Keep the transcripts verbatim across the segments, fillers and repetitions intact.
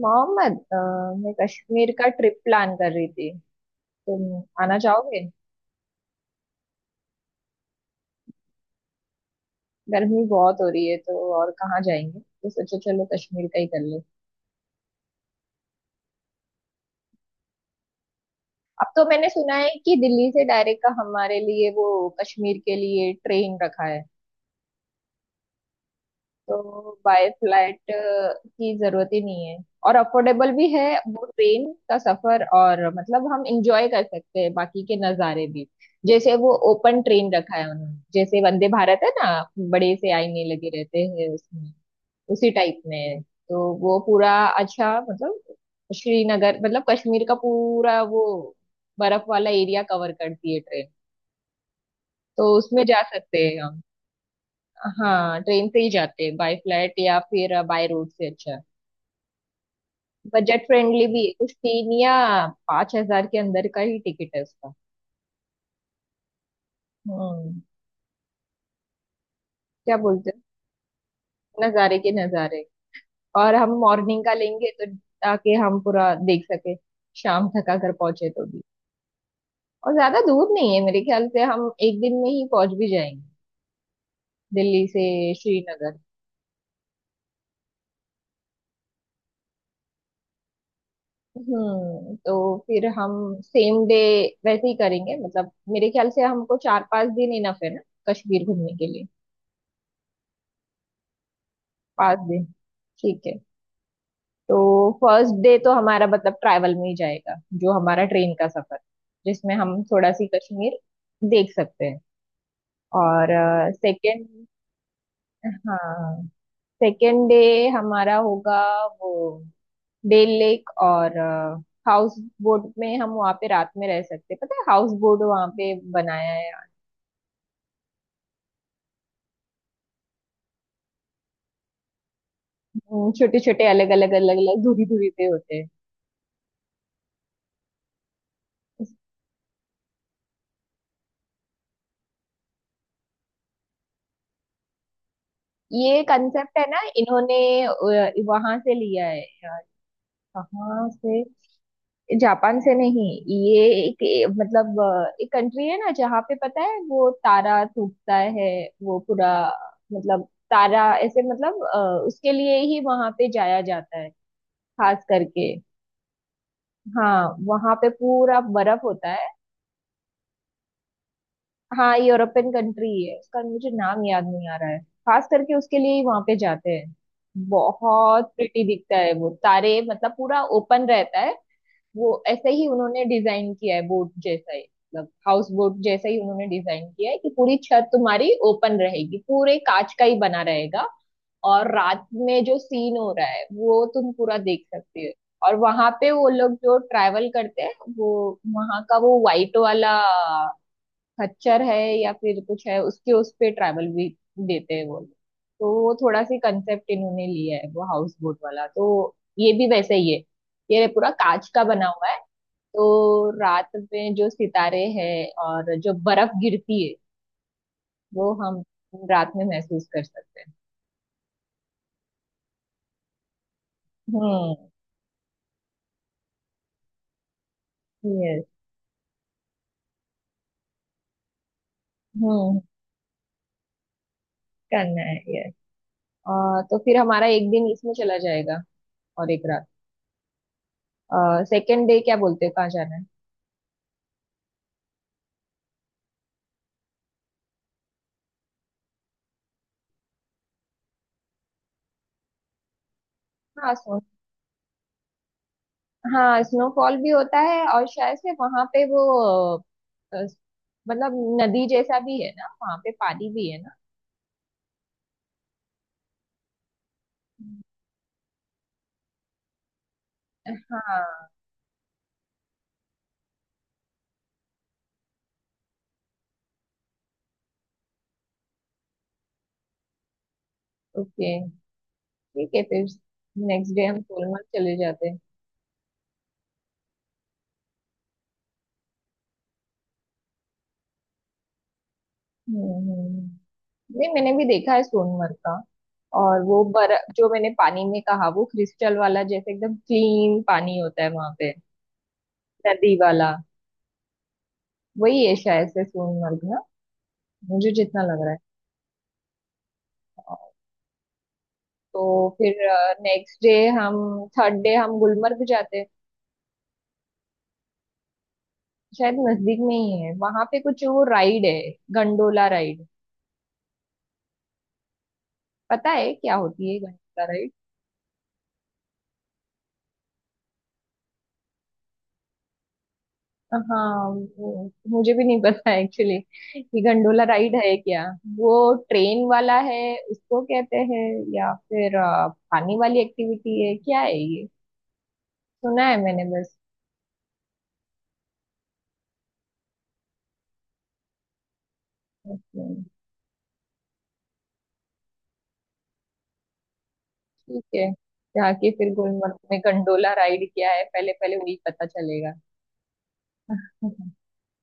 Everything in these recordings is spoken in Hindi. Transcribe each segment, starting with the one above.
मोहम्मद, अ, मैं कश्मीर का ट्रिप प्लान कर रही थी। तुम आना चाहोगे? गर्मी बहुत हो रही है तो और कहाँ जाएंगे, तो सोचो चलो कश्मीर का ही कर ले। अब तो मैंने सुना है कि दिल्ली से डायरेक्ट का हमारे लिए वो कश्मीर के लिए ट्रेन रखा है, तो बाय फ्लाइट की जरूरत ही नहीं है, और अफोर्डेबल भी है। वो ट्रेन का सफर, और मतलब हम इंजॉय कर सकते हैं बाकी के नज़ारे भी। जैसे वो ओपन ट्रेन रखा है उन्होंने, जैसे वंदे भारत है ना, बड़े से आईने लगे रहते हैं उसमें, उसी टाइप में है। तो वो पूरा, अच्छा मतलब श्रीनगर, मतलब कश्मीर का पूरा वो बर्फ वाला एरिया कवर करती है ट्रेन, तो उसमें जा सकते हैं हम। हाँ ट्रेन से ही जाते हैं, बाय फ्लाइट या फिर बाय रोड से अच्छा। बजट फ्रेंडली भी है, कुछ तीन या पांच हज़ार के अंदर का ही टिकट है उसका। हम्म। क्या बोलते हैं, नजारे के नजारे। और हम मॉर्निंग का लेंगे तो, ताकि हम पूरा देख सके। शाम तक अगर पहुंचे तो भी, और ज्यादा दूर नहीं है, मेरे ख्याल से हम एक दिन में ही पहुंच भी जाएंगे, दिल्ली से श्रीनगर। हम्म। तो फिर हम सेम डे वैसे ही करेंगे। मतलब मेरे ख्याल से हमको चार पांच दिन इनफ है ना कश्मीर घूमने के लिए। पांच दिन, ठीक है। तो फर्स्ट डे तो हमारा मतलब ट्रैवल में ही जाएगा, जो हमारा ट्रेन का सफर, जिसमें हम थोड़ा सी कश्मीर देख सकते हैं। और सेकेंड, हाँ सेकेंड डे हमारा होगा वो डेल लेक और हाउस बोट में हम वहाँ पे रात में रह सकते हैं, पता है हाउस बोट वहाँ पे बनाया है। छोटे छोटे, अलग अलग अलग अलग दूरी दूरी पे होते हैं। ये कंसेप्ट है ना, इन्होंने वहां से लिया है यार। कहाँ से? जापान से नहीं, ये एक ए- मतलब अ, एक कंट्री है ना जहाँ पे, पता है वो तारा टूटता है वो पूरा, मतलब तारा ऐसे, मतलब अ, उसके लिए ही वहां पे जाया जाता है, खास करके। हाँ वहां पे पूरा बर्फ होता है। हाँ यूरोपियन कंट्री है, उसका मुझे नाम याद नहीं आ रहा है। खास करके उसके लिए ही वहां पे जाते हैं, बहुत प्रिटी दिखता है वो तारे, मतलब पूरा ओपन रहता है। वो ऐसे ही उन्होंने डिजाइन किया है, बोट जैसा ही, मतलब हाउस बोट जैसा ही उन्होंने डिजाइन किया है कि पूरी छत तुम्हारी ओपन रहेगी, पूरे कांच का ही बना रहेगा, और रात में जो सीन हो रहा है वो तुम पूरा देख सकते हो। और वहां पे वो लोग जो ट्रैवल करते हैं, वो वहां का वो वाइट वाला खच्चर है या फिर कुछ है, उसके उस पे ट्रैवल भी देते हैं वो लोग। तो वो थोड़ा सी कंसेप्ट इन्होंने लिया है वो हाउस बोट वाला, तो ये भी वैसे ही है, ये पूरा कांच का बना हुआ है। तो रात में जो सितारे हैं और जो बर्फ गिरती है वो हम रात में महसूस कर सकते हैं। हम्म। यस। हम्म। करना है, यस। तो फिर हमारा एक दिन इसमें चला जाएगा, और एक रात। सेकेंड डे क्या बोलते हैं, कहाँ जाना है? हाँ सो, हाँ स्नोफॉल भी होता है, और शायद से वहां पे वो, अ, अ, मतलब नदी जैसा भी है ना, वहां पे पानी भी है ना। हम्म। हाँ। ओके, ठीक है फिर। नेक्स्ट डे हम सोलमर्ग चले जाते हैं। हम्म। हम्म। नहीं मैंने भी देखा है सोनमर्ग का, और वो बर जो मैंने पानी में कहा, वो क्रिस्टल वाला जैसे एकदम क्लीन पानी होता है वहां पे, नदी वाला, वही है शायद से सोनमर्ग ना, मुझे जितना लग रहा है। तो फिर नेक्स्ट डे हम, थर्ड डे हम गुलमर्ग जाते हैं। शायद नजदीक में ही है, वहां पे कुछ वो राइड है, गंडोला राइड। पता है क्या होती है गंडोला? हाँ, वो मुझे भी नहीं पता एक्चुअली कि गंडोला राइड है क्या। वो ट्रेन वाला है उसको कहते हैं, या फिर अ, पानी वाली एक्टिविटी है, क्या है ये। सुना है मैंने बस। हम्म। ठीक है, जाके फिर गुलमर्ग में गंडोला राइड क्या है पहले पहले वही पता चलेगा। हम्म।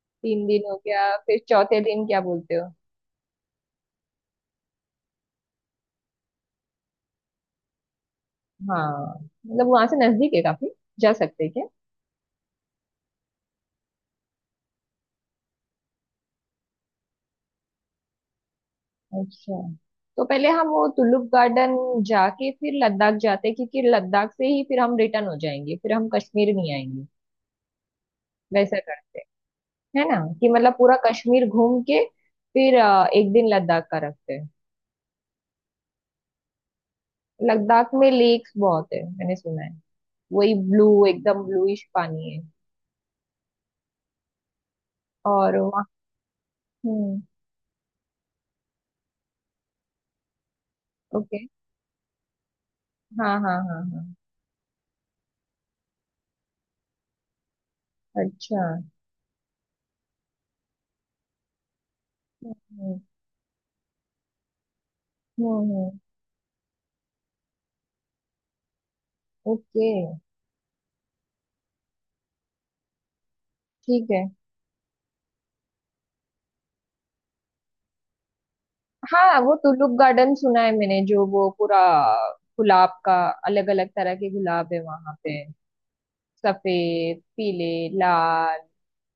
तीन दिन हो गया, फिर चौथे दिन क्या बोलते हो? हाँ, मतलब वहां से नजदीक है काफी, जा सकते हैं क्या। अच्छा, तो पहले हम वो तुलुप गार्डन जाके फिर लद्दाख जाते हैं, क्योंकि लद्दाख से ही फिर हम रिटर्न हो जाएंगे, फिर हम कश्मीर नहीं आएंगे। वैसा करते हैं, है ना? कि मतलब पूरा कश्मीर घूम के फिर अ, एक दिन लद्दाख का रखते हैं। लद्दाख में लेक्स बहुत है मैंने सुना है, वही ब्लू, एकदम ब्लूइश पानी है। और वहाँ, हम्म। ओके। हाँ हाँ हाँ हाँ। अच्छा। हम्म हम्म हम्म। ओके। ठीक है। हाँ वो टुलिप गार्डन सुना है मैंने, जो वो पूरा गुलाब का, अलग अलग तरह के गुलाब है वहां पे, सफेद, पीले, लाल,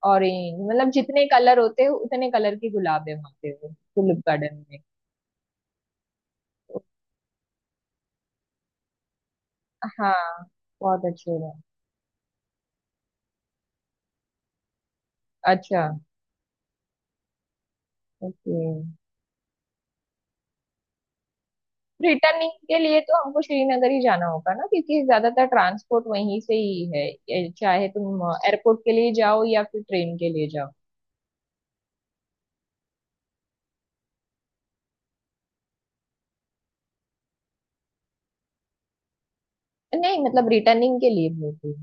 ऑरेंज, मतलब जितने कलर होते हैं उतने कलर के गुलाब है वहां पे, वो टुलिप गार्डन में। हाँ, बहुत अच्छे हैं। अच्छा, ओके। रिटर्निंग के लिए तो हमको श्रीनगर ही जाना होगा ना, क्योंकि ज्यादातर ट्रांसपोर्ट वहीं से ही है ये, चाहे तुम एयरपोर्ट के लिए जाओ या फिर ट्रेन के लिए जाओ। नहीं मतलब रिटर्निंग के लिए बोलती,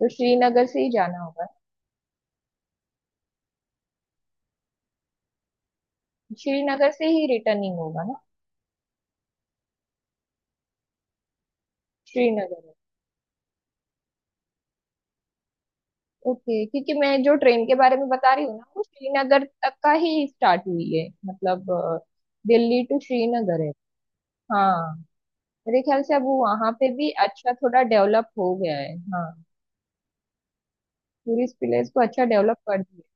तो श्रीनगर से ही जाना होगा। श्रीनगर से ही रिटर्निंग होगा ना, श्रीनगर में। ओके, क्योंकि मैं जो ट्रेन के बारे में बता रही हूँ ना, वो श्रीनगर तक का ही स्टार्ट हुई है, मतलब अ, दिल्ली टू श्रीनगर है। हाँ, मेरे ख्याल से अब वो वहां पे भी अच्छा थोड़ा डेवलप हो गया है। हाँ, टूरिस्ट प्लेस को अच्छा डेवलप कर दिया।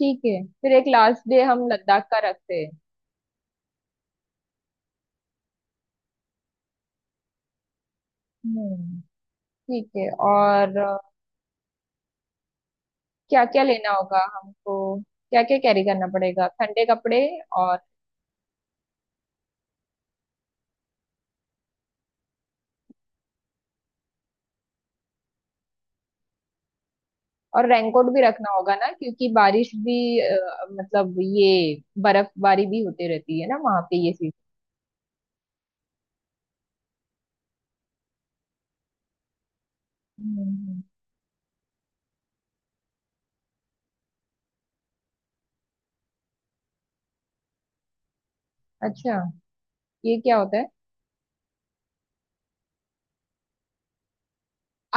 ठीक है, फिर एक लास्ट डे हम लद्दाख का रखते हैं। हम्म। ठीक है, और क्या क्या लेना होगा हमको, क्या क्या कैरी करना पड़ेगा? ठंडे कपड़े, और रेनकोट भी रखना होगा ना, क्योंकि बारिश भी अ, मतलब ये बर्फबारी भी होती रहती है ना वहां पे ये सीजन। हम्म, हम्म। अच्छा, ये क्या होता है?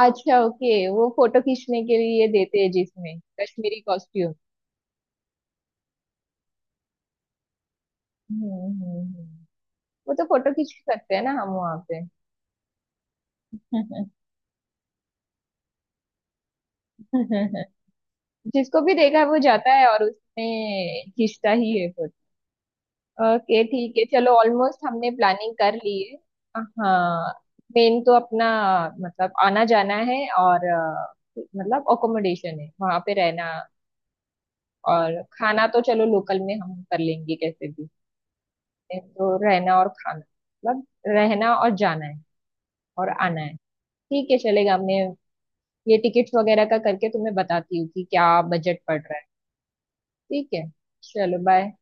अच्छा ओके, वो फोटो खींचने के लिए देते हैं जिसमें कश्मीरी कॉस्ट्यूम। हम्म, हम्म, हम्म। वो तो फोटो खींच सकते हैं ना हम वहां पे। हम्म। जिसको भी देखा है वो जाता है और उसमें खींचता ही है। ओके ठीक है, चलो ऑलमोस्ट हमने प्लानिंग कर ली है। हाँ, मेन तो अपना मतलब आना जाना है, और अ, मतलब अकोमोडेशन है वहां पे रहना, और खाना तो चलो लोकल में हम कर लेंगे कैसे भी। तो रहना और खाना, मतलब रहना, और जाना है, और आना है। ठीक है, चलेगा। हमने ये टिकट्स वगैरह का करके तुम्हें बताती हूँ कि क्या बजट पड़ रहा है। ठीक है, चलो बाय।